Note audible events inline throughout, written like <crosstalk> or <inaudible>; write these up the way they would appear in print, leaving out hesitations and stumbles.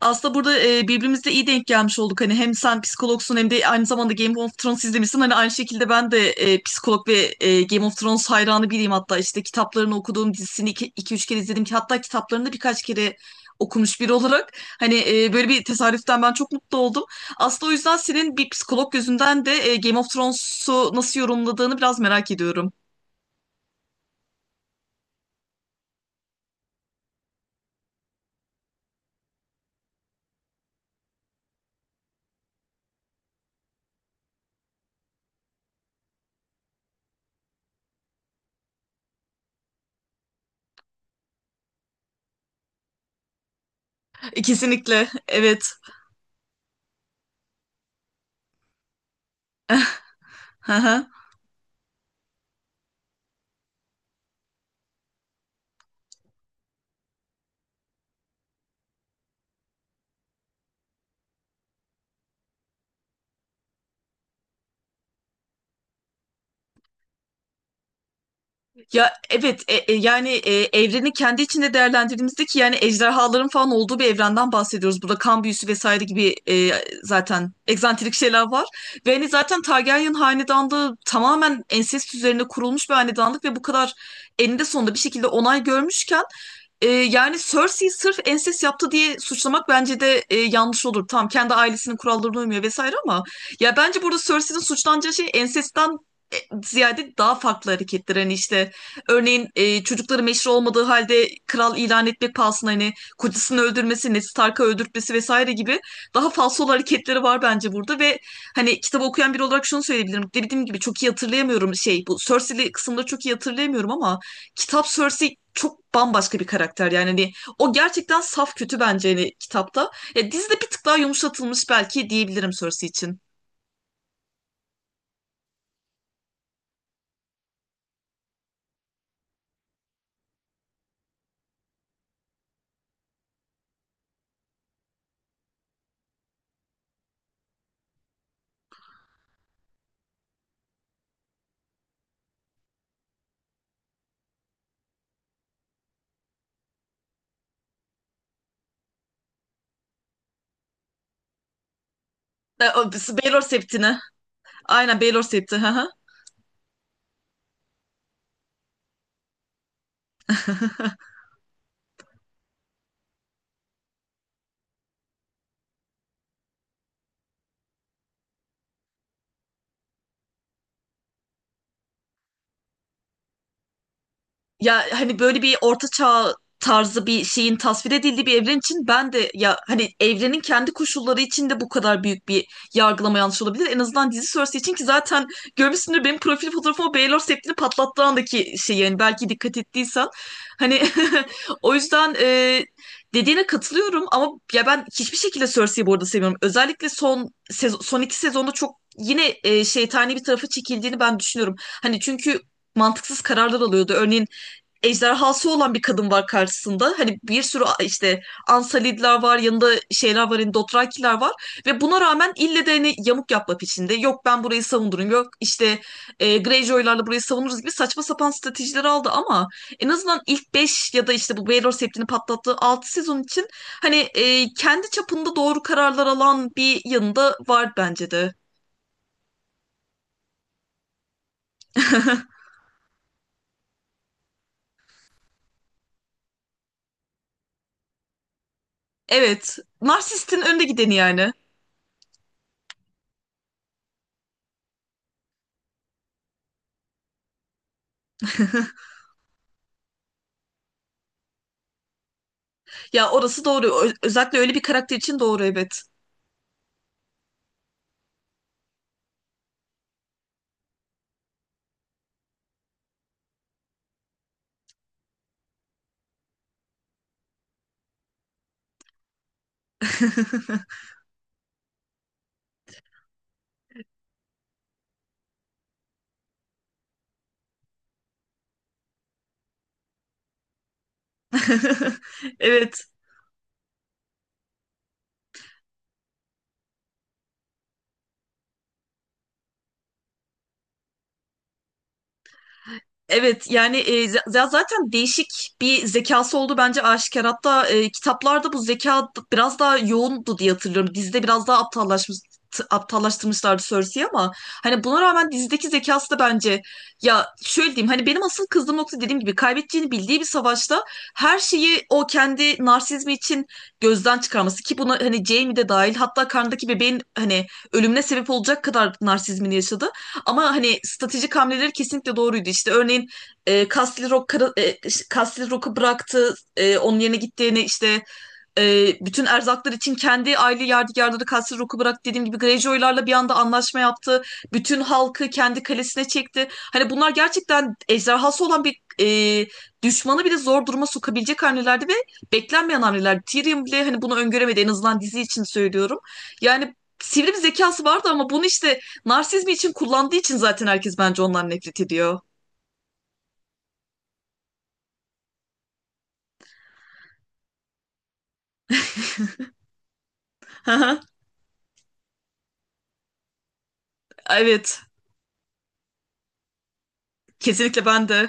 Aslında burada birbirimize iyi denk gelmiş olduk. Hani hem sen psikologsun hem de aynı zamanda Game of Thrones izlemişsin. Hani aynı şekilde ben de psikolog ve Game of Thrones hayranı biriyim hatta. İşte kitaplarını okuduğum dizisini iki üç kere izledim. Ki hatta kitaplarını da birkaç kere okumuş biri olarak. Hani böyle bir tesadüften ben çok mutlu oldum. Aslında o yüzden senin bir psikolog gözünden de Game of Thrones'u nasıl yorumladığını biraz merak ediyorum. Kesinlikle. Evet. <laughs> Hı. Ya evet, yani evreni kendi içinde değerlendirdiğimizde ki yani ejderhaların falan olduğu bir evrenden bahsediyoruz. Burada kan büyüsü vesaire gibi zaten egzantrik şeyler var. Ve hani zaten Targaryen hanedanlığı tamamen ensest üzerine kurulmuş bir hanedanlık ve bu kadar eninde sonunda bir şekilde onay görmüşken yani Cersei'yi sırf ensest yaptı diye suçlamak bence de yanlış olur. Tamam, kendi ailesinin kurallarına uymuyor vesaire ama ya bence burada Cersei'nin suçlanacağı şey ensestten e, ziyade daha farklı hareketler. Hani işte örneğin çocukları meşru olmadığı halde kral ilan etmek pahasına hani kocasını öldürmesi, Ned Stark'ı öldürtmesi vesaire gibi daha falsol hareketleri var bence burada ve hani kitabı okuyan biri olarak şunu söyleyebilirim. Dediğim gibi çok iyi hatırlayamıyorum, şey, bu Cersei'li kısımları çok iyi hatırlayamıyorum ama kitap Cersei çok bambaşka bir karakter, yani hani o gerçekten saf kötü bence hani kitapta. Ya dizide bir tık daha yumuşatılmış belki diyebilirim Cersei için. Baelor Septini. Aynen, Baelor Septi. <laughs> Ya hani böyle bir orta çağ tarzı bir şeyin tasvir edildiği bir evren için ben de ya hani evrenin kendi koşulları içinde bu kadar büyük bir yargılama yanlış olabilir. En azından dizi sonrası için, ki zaten görmüşsündür benim profil fotoğrafıma, Baylor septini patlattığı andaki şey, yani belki dikkat ettiysen. Hani <laughs> o yüzden dediğine katılıyorum ama ya ben hiçbir şekilde Cersei'yi bu arada sevmiyorum. Özellikle son iki sezonda çok yine şeytani bir tarafa çekildiğini ben düşünüyorum. Hani çünkü mantıksız kararlar alıyordu. Örneğin ejderhası olan bir kadın var karşısında. Hani bir sürü işte Ansalidler var, yanında şeyler var, hani Dothrakiler var. Ve buna rağmen ille de hani yamuk yapma peşinde. Yok ben burayı savunurum, yok işte Greyjoy'larla burayı savunuruz gibi saçma sapan stratejiler aldı ama en azından ilk 5 ya da işte bu Baelor Septi'ni patlattığı 6 sezon için hani kendi çapında doğru kararlar alan bir yanında var bence de. <laughs> Evet. Narsistin önde gideni yani. Ya orası doğru. Özellikle öyle bir karakter için doğru, evet. <laughs> Evet. Evet yani zaten değişik bir zekası oldu, bence aşikar. Hatta kitaplarda bu zeka biraz daha yoğundu diye hatırlıyorum. Dizide biraz daha aptallaştırmışlardı Cersei'yi ama hani buna rağmen dizideki zekası da bence, ya şöyle diyeyim, hani benim asıl kızdığım nokta, dediğim gibi, kaybedeceğini bildiği bir savaşta her şeyi o kendi narsizmi için gözden çıkarması. Ki buna hani Jaime de dahil, hatta karnındaki bebeğin hani ölümüne sebep olacak kadar narsizmini yaşadı. Ama hani stratejik hamleleri kesinlikle doğruydu. İşte örneğin Castle Rock, Castle Rock'u bıraktı. Onun yerine gittiğini işte bütün erzaklar için kendi aile yadigarları Kasır Rock'u bırak, dediğim gibi Greyjoy'larla bir anda anlaşma yaptı. Bütün halkı kendi kalesine çekti. Hani bunlar gerçekten ejderhası olan bir düşmanı bile zor duruma sokabilecek hamlelerdi ve beklenmeyen hamleler. Tyrion bile hani bunu öngöremedi, en azından dizi için söylüyorum. Yani sivri bir zekası vardı ama bunu işte narsizmi için kullandığı için zaten herkes bence ondan nefret ediyor. <laughs> Evet, kesinlikle ben de.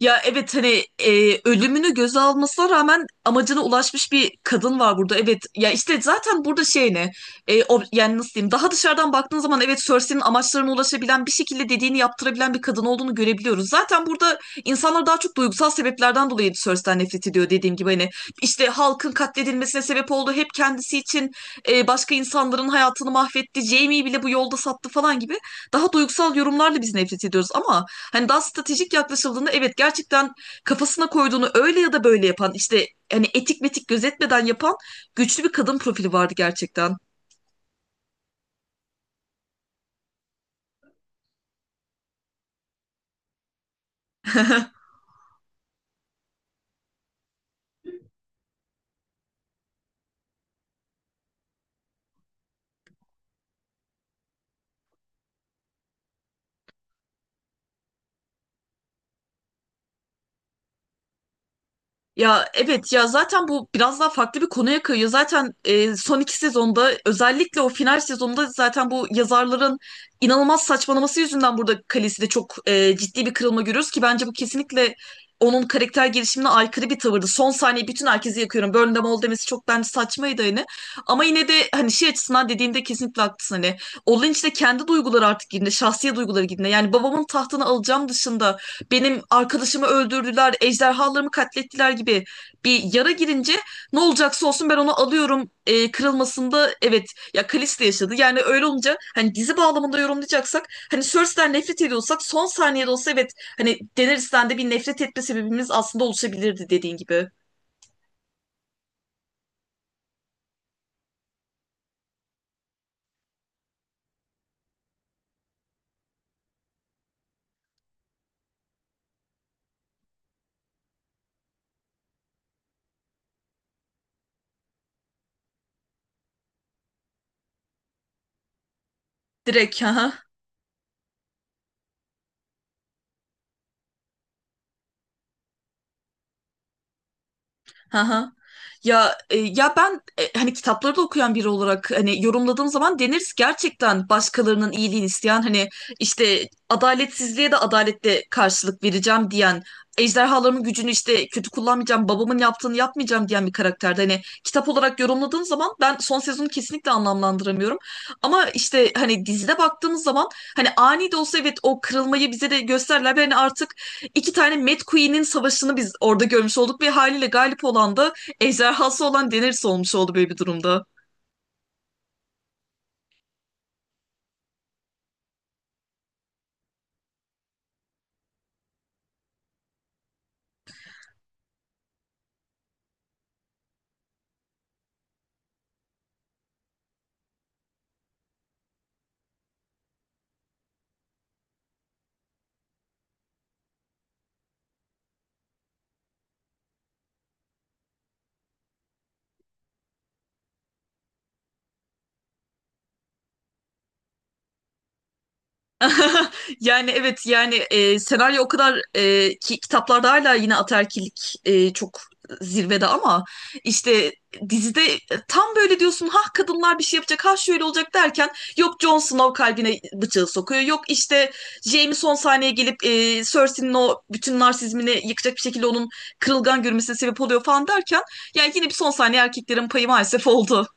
Ya evet, hani ölümünü göze almasına rağmen amacına ulaşmış bir kadın var burada. Evet ya, işte zaten burada şey ne, o, yani nasıl diyeyim, daha dışarıdan baktığın zaman evet Cersei'nin amaçlarına ulaşabilen, bir şekilde dediğini yaptırabilen bir kadın olduğunu görebiliyoruz. Zaten burada insanlar daha çok duygusal sebeplerden dolayı Cersei'den nefret ediyor, dediğim gibi hani işte halkın katledilmesine sebep oldu hep kendisi için, başka insanların hayatını mahvetti, Jaime'yi bile bu yolda sattı falan gibi daha duygusal yorumlarla biz nefret ediyoruz ama hani daha stratejik yaklaşıldığında evet, gerçekten kafasına koyduğunu öyle ya da böyle yapan, işte hani etik metik gözetmeden yapan güçlü bir kadın profili vardı gerçekten. <laughs> Ya evet, ya zaten bu biraz daha farklı bir konuya kayıyor. Zaten son iki sezonda, özellikle o final sezonunda, zaten bu yazarların inanılmaz saçmalaması yüzünden burada Khaleesi'de çok ciddi bir kırılma görüyoruz, ki bence bu kesinlikle onun karakter gelişimine aykırı bir tavırdı. Son saniye bütün herkesi yakıyorum, Burn them all demesi çok bence saçmaydı hani. Ama yine de hani şey açısından dediğinde kesinlikle haklısın hani. Olin de kendi duyguları artık girdiğinde, şahsi duyguları girdiğinde. Yani babamın tahtını alacağım dışında, benim arkadaşımı öldürdüler, ejderhalarımı katlettiler gibi bir yara girince, ne olacaksa olsun ben onu alıyorum, kırılmasında, evet ya Kalista yaşadı. Yani öyle olunca hani dizi bağlamında yorumlayacaksak hani Cersei'den nefret ediyorsak son saniyede olsa evet, hani Daenerys'ten de bir nefret etme sebebimiz aslında oluşabilirdi dediğin gibi. Direkt, ha. Haha. Ya ya ben hani kitapları da okuyan biri olarak hani yorumladığım zaman denir, gerçekten başkalarının iyiliğini isteyen, hani işte adaletsizliğe de adaletle karşılık vereceğim diyen, ejderhalarımın gücünü işte kötü kullanmayacağım, babamın yaptığını yapmayacağım diyen bir karakterde, hani kitap olarak yorumladığım zaman ben son sezonu kesinlikle anlamlandıramıyorum ama işte hani dizide baktığımız zaman hani ani de olsa evet o kırılmayı bize de gösterler. Yani artık iki tane Mad Queen'in savaşını biz orada görmüş olduk ve haliyle galip olan da ejderhası olan Daenerys olmuş oldu böyle bir durumda. <laughs> Yani evet, yani senaryo o kadar, ki kitaplarda hala yine ataerkillik çok zirvede ama işte dizide tam böyle diyorsun, ha kadınlar bir şey yapacak, ha şöyle olacak derken yok Jon Snow kalbine bıçağı sokuyor, yok işte Jaime son sahneye gelip Cersei'nin o bütün narsizmini yıkacak bir şekilde onun kırılgan görünmesine sebep oluyor falan derken, yani yine bir son saniye erkeklerin payı maalesef oldu.